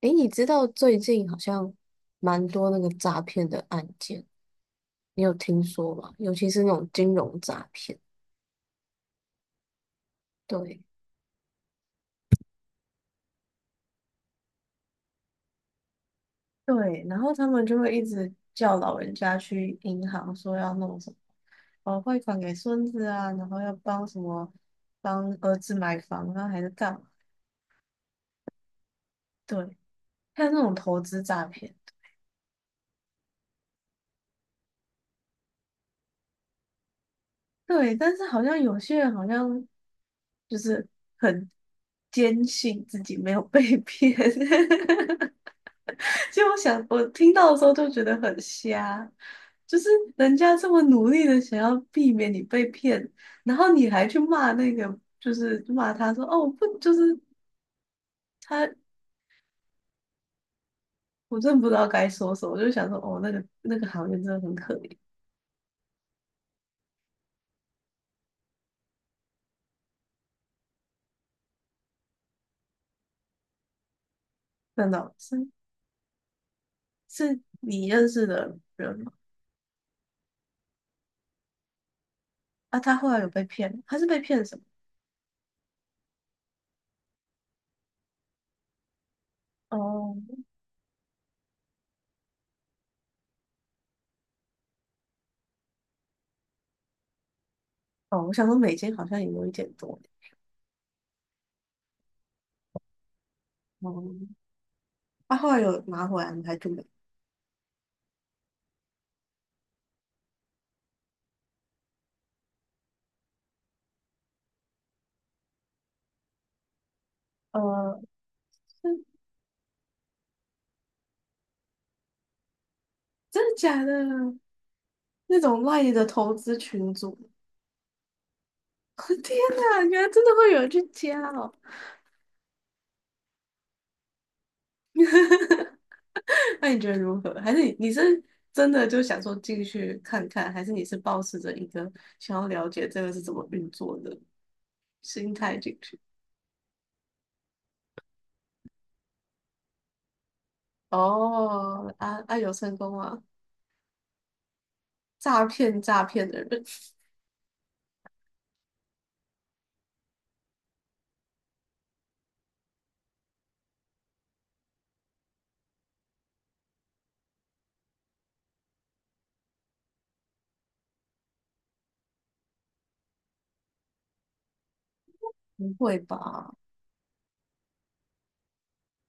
诶，你知道最近好像蛮多那个诈骗的案件，你有听说吗？尤其是那种金融诈骗。对，对，然后他们就会一直叫老人家去银行说要弄什么，哦，汇款给孙子啊，然后要帮什么，帮儿子买房啊，还是干嘛？对，还有那种投资诈骗。对，但是好像有些人好像就是很坚信自己没有被骗，就我想，我听到的时候就觉得很瞎，就是人家这么努力的想要避免你被骗，然后你还去骂那个，就是骂他说哦不，就是他，我真的不知道该说什么，我就想说哦那个行业真的很可怜，真的是。是你认识的人吗？啊，他后来有被骗吗？他是被骗什么？哦哦，我想说美金好像也有一点多。哦，啊后来有拿回来吗？还是没？呃，是真的假的？那种赖的投资群组。天哪，原来真的会有人去加哦！那你觉得如何？还是你是真的就想说进去看看，还是你是抱持着一个想要了解这个是怎么运作的心态进去？哦，啊啊，有成功啊！诈骗的人。不会吧？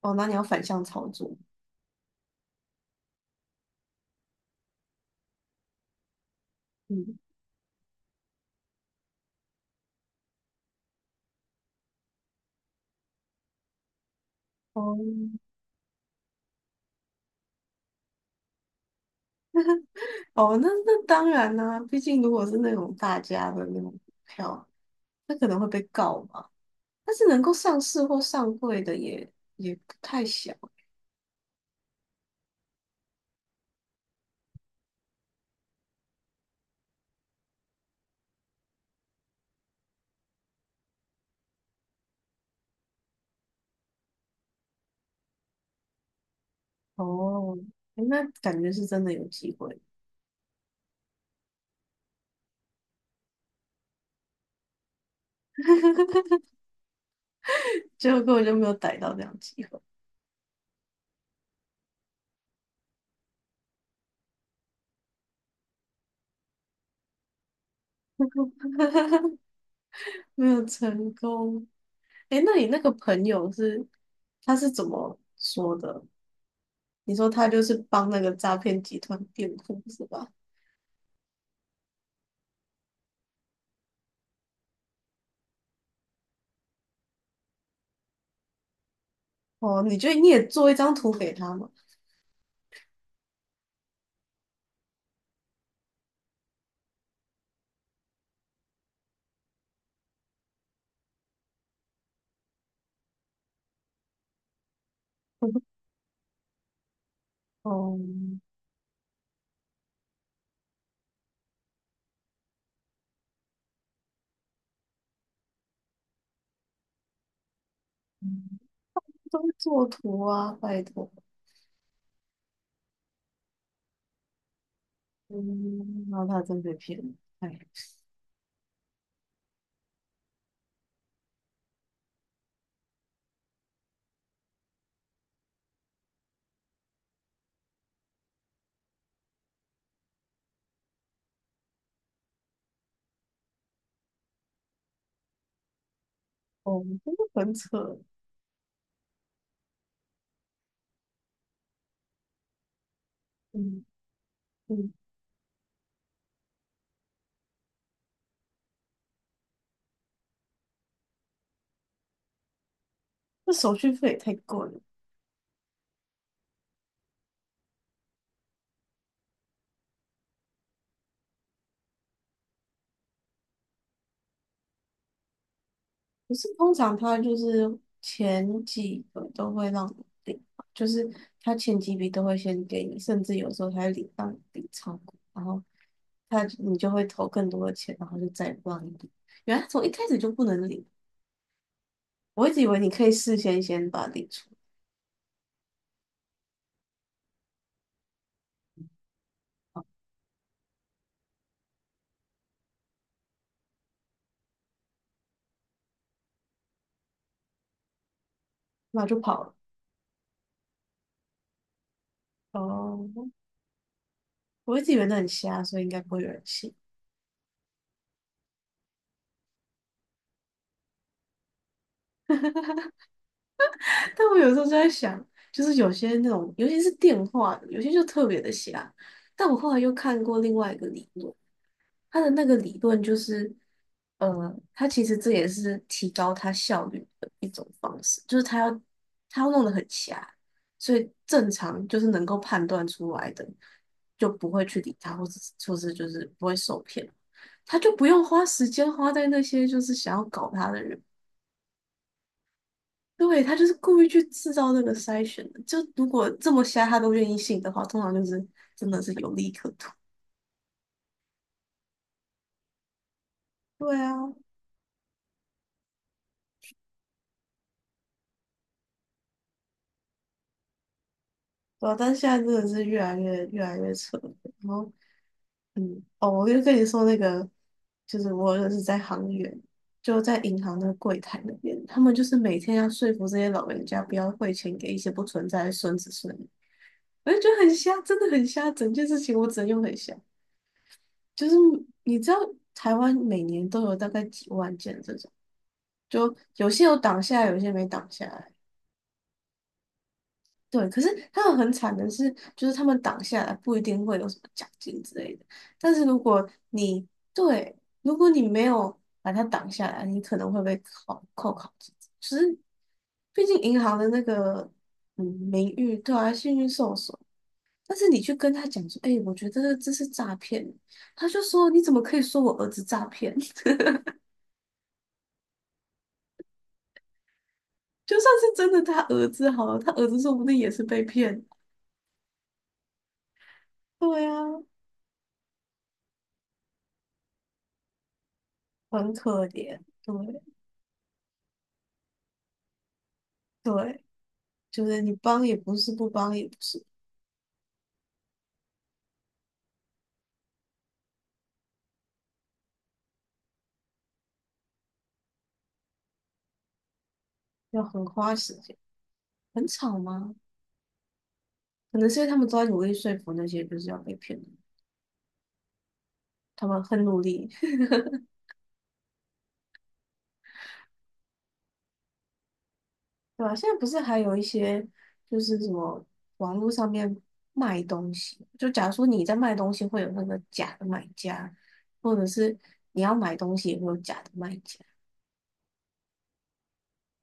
哦，那你要反向操作。嗯，哦哦，那那当然啦、毕竟如果是那种大家的那种股票，那可能会被告嘛。但是能够上市或上柜的也不太小哦。诶那感觉是真的有机会，结果根本就没有逮到这样的机会。没有成功。哎，那你那个朋友是怎么说的？你说他就是帮那个诈骗集团辩护是吧？哦，你觉得你也做一张图给他吗？哦，嗯都会做图啊，拜托。嗯，然后他真被骗了。哎，哦，真的很扯。嗯嗯。那手续费也太贵了。可是通常他就是前几个都会让你领，就是他前几笔都会先给你，甚至有时候他会领让你领超过，然后就会投更多的钱，然后就再也不让你领。原来从一开始就不能领，我一直以为你可以事先先把它领出来，那我就跑了。哦，我一直以为那很瞎，所以应该不会有人信。但我有时候就在想，就是有些那种，尤其是电话的，有些就特别的瞎。但我后来又看过另外一个理论，他的那个理论就是，他其实这也是提高他效率的一种方式，就是他要弄得很瞎，所以正常就是能够判断出来的，就不会去理他，或者是就是不会受骗，他就不用花时间花在那些就是想要搞他的人。对，他就是故意去制造这个筛选的。就如果这么瞎他都愿意信的话，通常就是真的是有利可图。对啊，对啊，但是现在真的是越来越扯了。然后，嗯，哦，我就跟你说那个，就是我认识在行员，就在银行的柜台那边，他们就是每天要说服这些老人家不要汇钱给一些不存在的孙子孙女，我就觉得很瞎，真的很瞎。整件事情我只能用很瞎，就是你知道台湾每年都有大概几万件这种。就有些有挡下来，有些没挡下来。对，可是他们很惨的是，就是他们挡下来不一定会有什么奖金之类的。但是如果你。对，如果你没有把它挡下来，你可能会被扣考绩。只是，毕竟银行的那个嗯名誉。对啊，信誉受损。但是你去跟他讲说，哎、我觉得这是诈骗，他就说你怎么可以说我儿子诈骗？就算是真的他儿子好了，他儿子说不定也是被骗。对啊，很可怜，对。对，就是你帮也不是，不帮也不是，要很花时间，很吵吗？可能是因为他们都在努力说服那些就是要被骗的，他们很努力。对吧？现在不是还有一些就是什么网络上面卖东西，就假如说你在卖东西，会有那个假的买家，或者是你要买东西也会有假的卖家。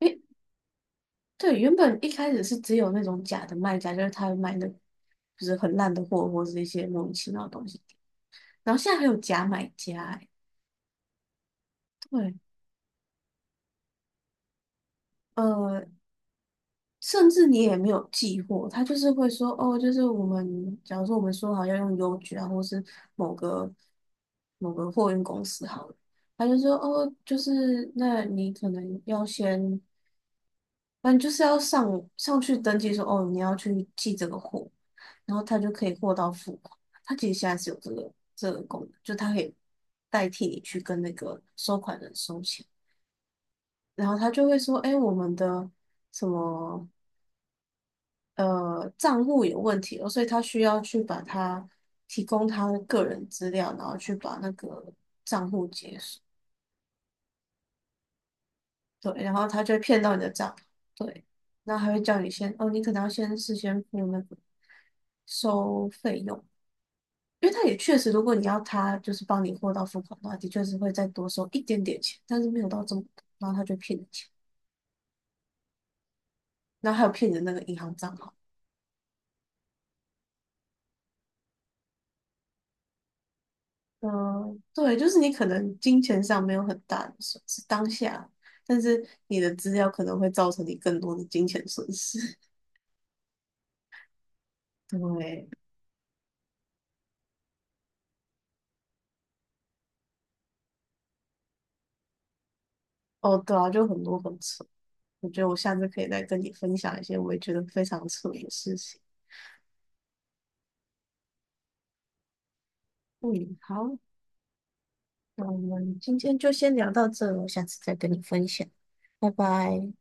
因为。对，原本一开始是只有那种假的卖家，就是他会卖那就是很烂的货，或是一些莫名其妙的东西。然后现在还有假买家、欸，对，呃，甚至你也没有寄货，他就是会说，哦，就是我们，假如说我们说好要用邮局啊，或是某个某个货运公司好了，他就说，哦，就是那你可能要先反正就是要上去登记说，哦，你要去寄这个货，然后他就可以货到付款。他其实现在是有这个功能，就他可以代替你去跟那个收款人收钱，然后他就会说，哎，我们的什么账户有问题了，所以他需要去把他提供他的个人资料，然后去把那个账户解锁。对，然后他就会骗到你的账，对，然后还会叫你先，哦，你可能要先事先付那个收费用，因为他也确实，如果你要他就是帮你货到付款的话，的确是会再多收一点点钱，但是没有到这么多，然后他就骗你钱，然后还有骗你的那个银行账号，嗯，对，就是你可能金钱上没有很大的损失，当下，但是你的资料可能会造成你更多的金钱损失。对，哦，对啊，就很多很扯。我觉得我下次可以再跟你分享一些我也觉得非常扯的事情。嗯，好，那我们今天就先聊到这了，我下次再跟你分享，拜拜。